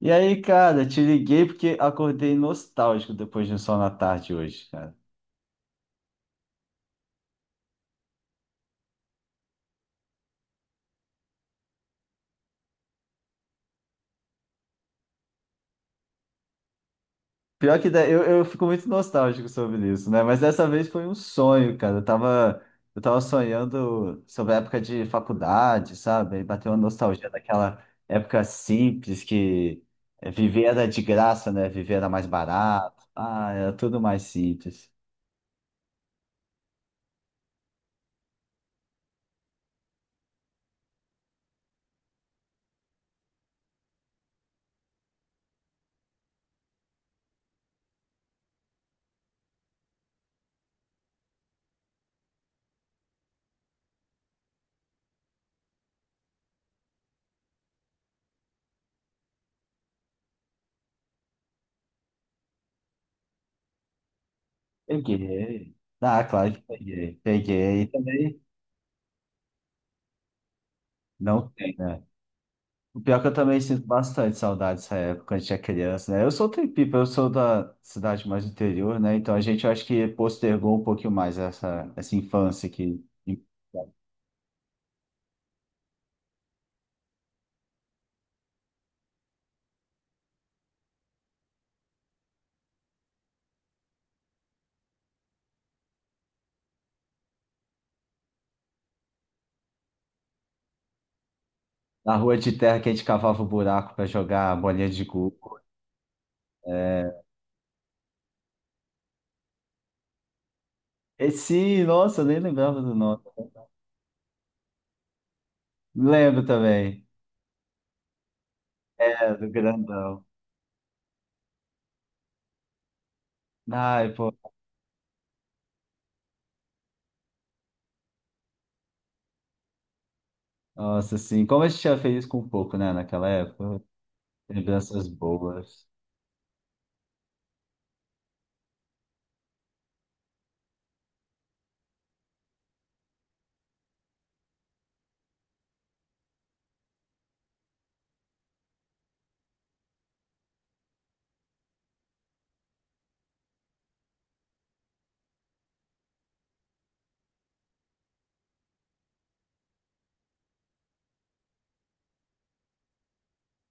E aí, cara, te liguei porque acordei nostálgico depois de um sol na tarde hoje, cara. Pior que eu fico muito nostálgico sobre isso, né? Mas dessa vez foi um sonho, cara. Eu tava sonhando sobre a época de faculdade, sabe? Aí bateu uma nostalgia daquela época simples que viver era de graça, né? Viver era mais barato. Ah, era tudo mais simples. Peguei. Ah, claro que peguei. Peguei. E também não tem. Né? O pior é que eu também sinto bastante saudade dessa época, quando a gente é criança, né? Eu sou Tempipa, eu sou da cidade mais do interior, né? Então a gente, eu acho que postergou um pouquinho mais essa infância que na rua de terra que a gente cavava o buraco para jogar bolinha de gude. E sim, nossa, eu nem lembrava do nome. Lembro também, é, do grandão. Ai, pô, nossa, assim, como a gente tinha feliz com pouco, né, naquela época. Lembranças boas.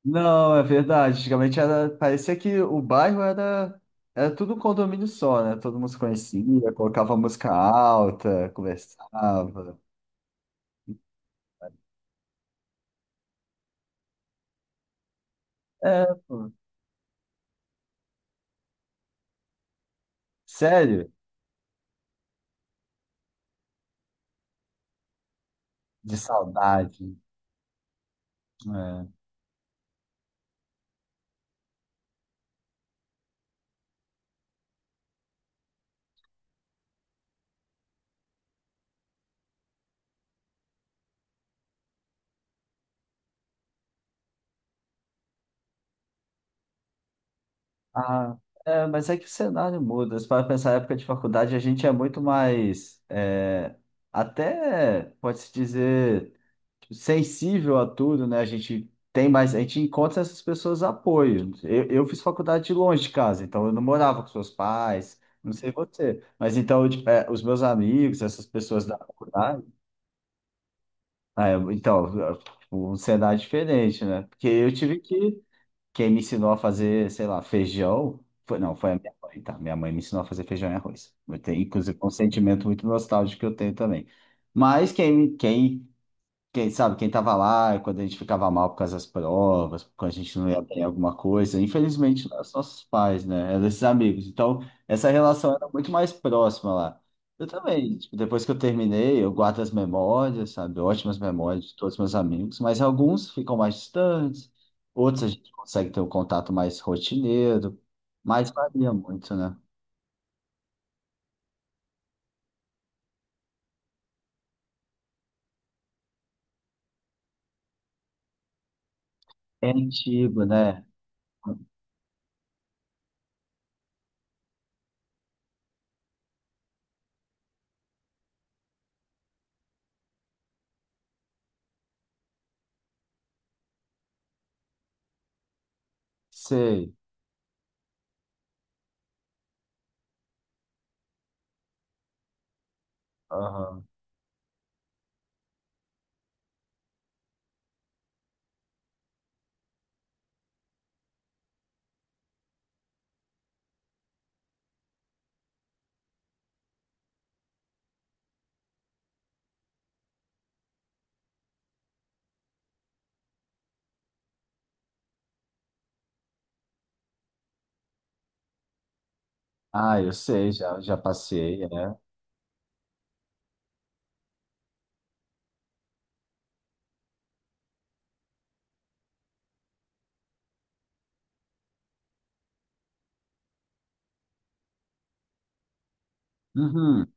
Não, é verdade. Antigamente era, parecia que o bairro era, era tudo um condomínio só, né? Todo mundo se conhecia, colocava música alta, conversava. É, pô. Sério? De saudade. É. Ah, é, mas é que o cenário muda. Se para pensar na época de faculdade, a gente é muito mais, é, até, pode-se dizer, sensível a tudo, né? A gente tem mais, a gente encontra essas pessoas apoio. Eu fiz faculdade de longe de casa, então eu não morava com seus pais, não sei você, mas então tipo, é, os meus amigos, essas pessoas da faculdade, ah, eu- então eu- um cenário diferente, né? Porque eu tive que quem me ensinou a fazer, sei lá, feijão foi, não, foi a minha mãe, tá? Minha mãe me ensinou a fazer feijão e arroz. Eu tenho, inclusive, um sentimento muito nostálgico que eu tenho também. Mas quem sabe, quem tava lá, quando a gente ficava mal por causa das provas, quando a gente não ia bem em alguma coisa, infelizmente não eram os nossos pais, né? Eram esses amigos. Então, essa relação era muito mais próxima lá. Eu também, tipo, depois que eu terminei, eu guardo as memórias, sabe? Ótimas memórias de todos os meus amigos, mas alguns ficam mais distantes, outros a gente consegue ter um contato mais rotineiro, mas varia muito, né? É antigo, né? Sei. Aham. Ah, eu sei, já, já passei, é. Uhum.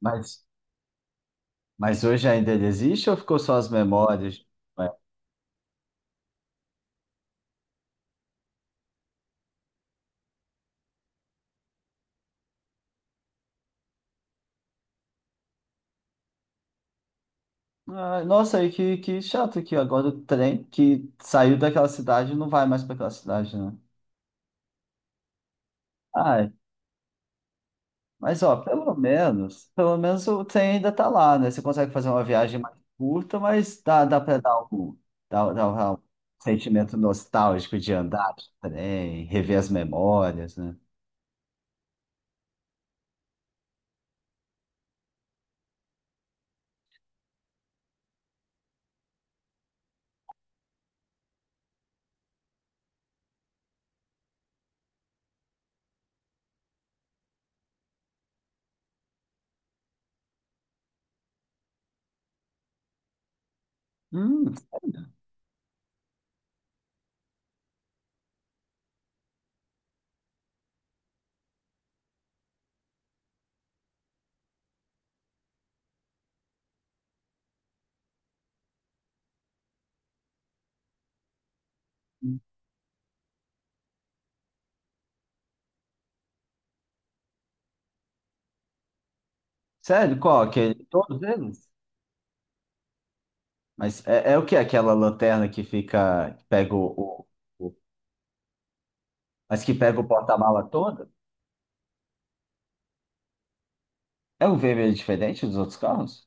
Mas, mas hoje ainda ele existe ou ficou só as memórias? É. Ah, nossa, e que chato que agora o trem que saiu daquela cidade não vai mais para aquela cidade, né? Ai, mas ó, pelo menos o trem ainda tá lá, né? Você consegue fazer uma viagem mais curta, mas dá, dá para dar um, dá, dá um sentimento nostálgico de andar de trem, rever as memórias, né? Sério? Sério, qual? Que, todos eles? Mas é, é o que? Aquela lanterna que fica, que pega o- mas que pega o porta-mala todo? É um vermelho diferente dos outros carros?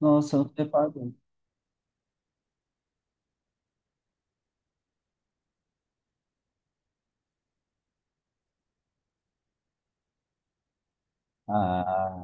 Nossa, eu não reparei. Ah,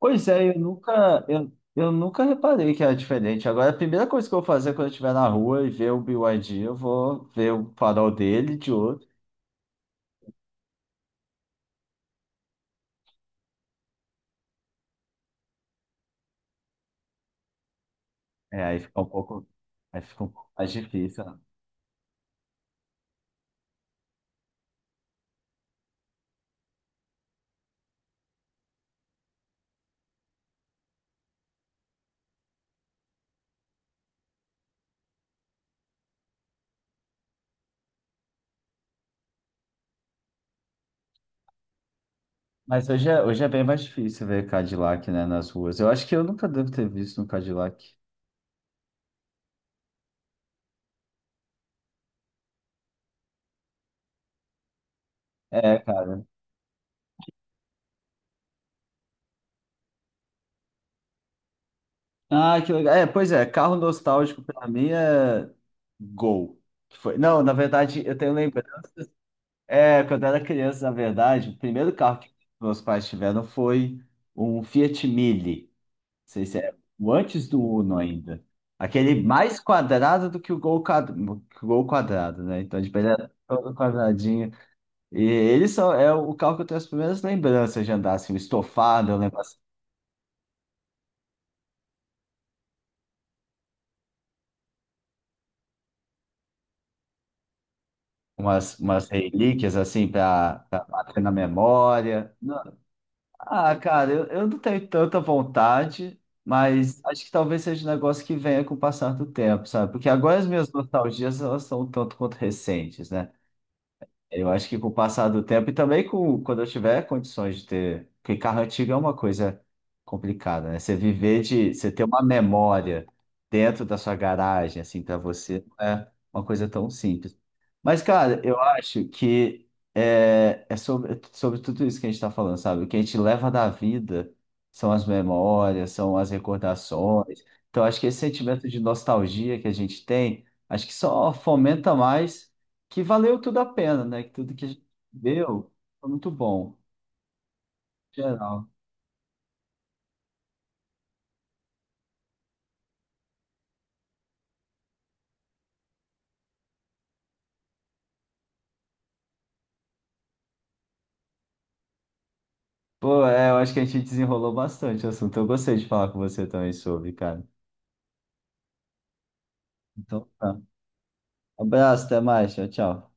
pois é, eu nunca, eu nunca reparei que era diferente. Agora, a primeira coisa que eu vou fazer quando eu estiver na rua e ver o BYD, eu vou ver o farol dele e de outro. É, aí fica um pouco, aí fica um pouco mais difícil, né? Mas hoje é bem mais difícil ver Cadillac, né, nas ruas. Eu acho que eu nunca devo ter visto um Cadillac. É, ah, que legal. É, pois é, carro nostálgico pra mim é Gol. Que foi. Não, na verdade, eu tenho lembrado. É, quando eu era criança, na verdade, o primeiro carro que meus pais tiveram foi um Fiat Mille. Não sei se é o antes do Uno ainda. Aquele mais quadrado do que o Gol, quad... que o Gol quadrado, né? Então, tipo, ele era todo quadradinho. E ele só é o carro que eu tenho as primeiras lembranças de andar, assim, o estofado, eu lembro umas, umas relíquias assim para bater na memória. Não. Ah, cara, eu não tenho tanta vontade, mas acho que talvez seja um negócio que venha com o passar do tempo, sabe? Porque agora as minhas nostalgias elas são um tanto quanto recentes, né? Eu acho que com o passar do tempo e também com, quando eu tiver condições de ter. Porque carro antigo é uma coisa complicada, né? Você viver de. Você ter uma memória dentro da sua garagem, assim, para você, não é uma coisa tão simples. Mas, cara, eu acho que é, é sobre, sobre tudo isso que a gente está falando, sabe? O que a gente leva da vida são as memórias, são as recordações. Então, acho que esse sentimento de nostalgia que a gente tem, acho que só fomenta mais que valeu tudo a pena, né? Que tudo que a gente deu foi muito bom, geral. Pô, é, eu acho que a gente desenrolou bastante o assunto. Eu gostei de falar com você também sobre, cara. Então, tá. Abraço, até mais. Tchau, tchau.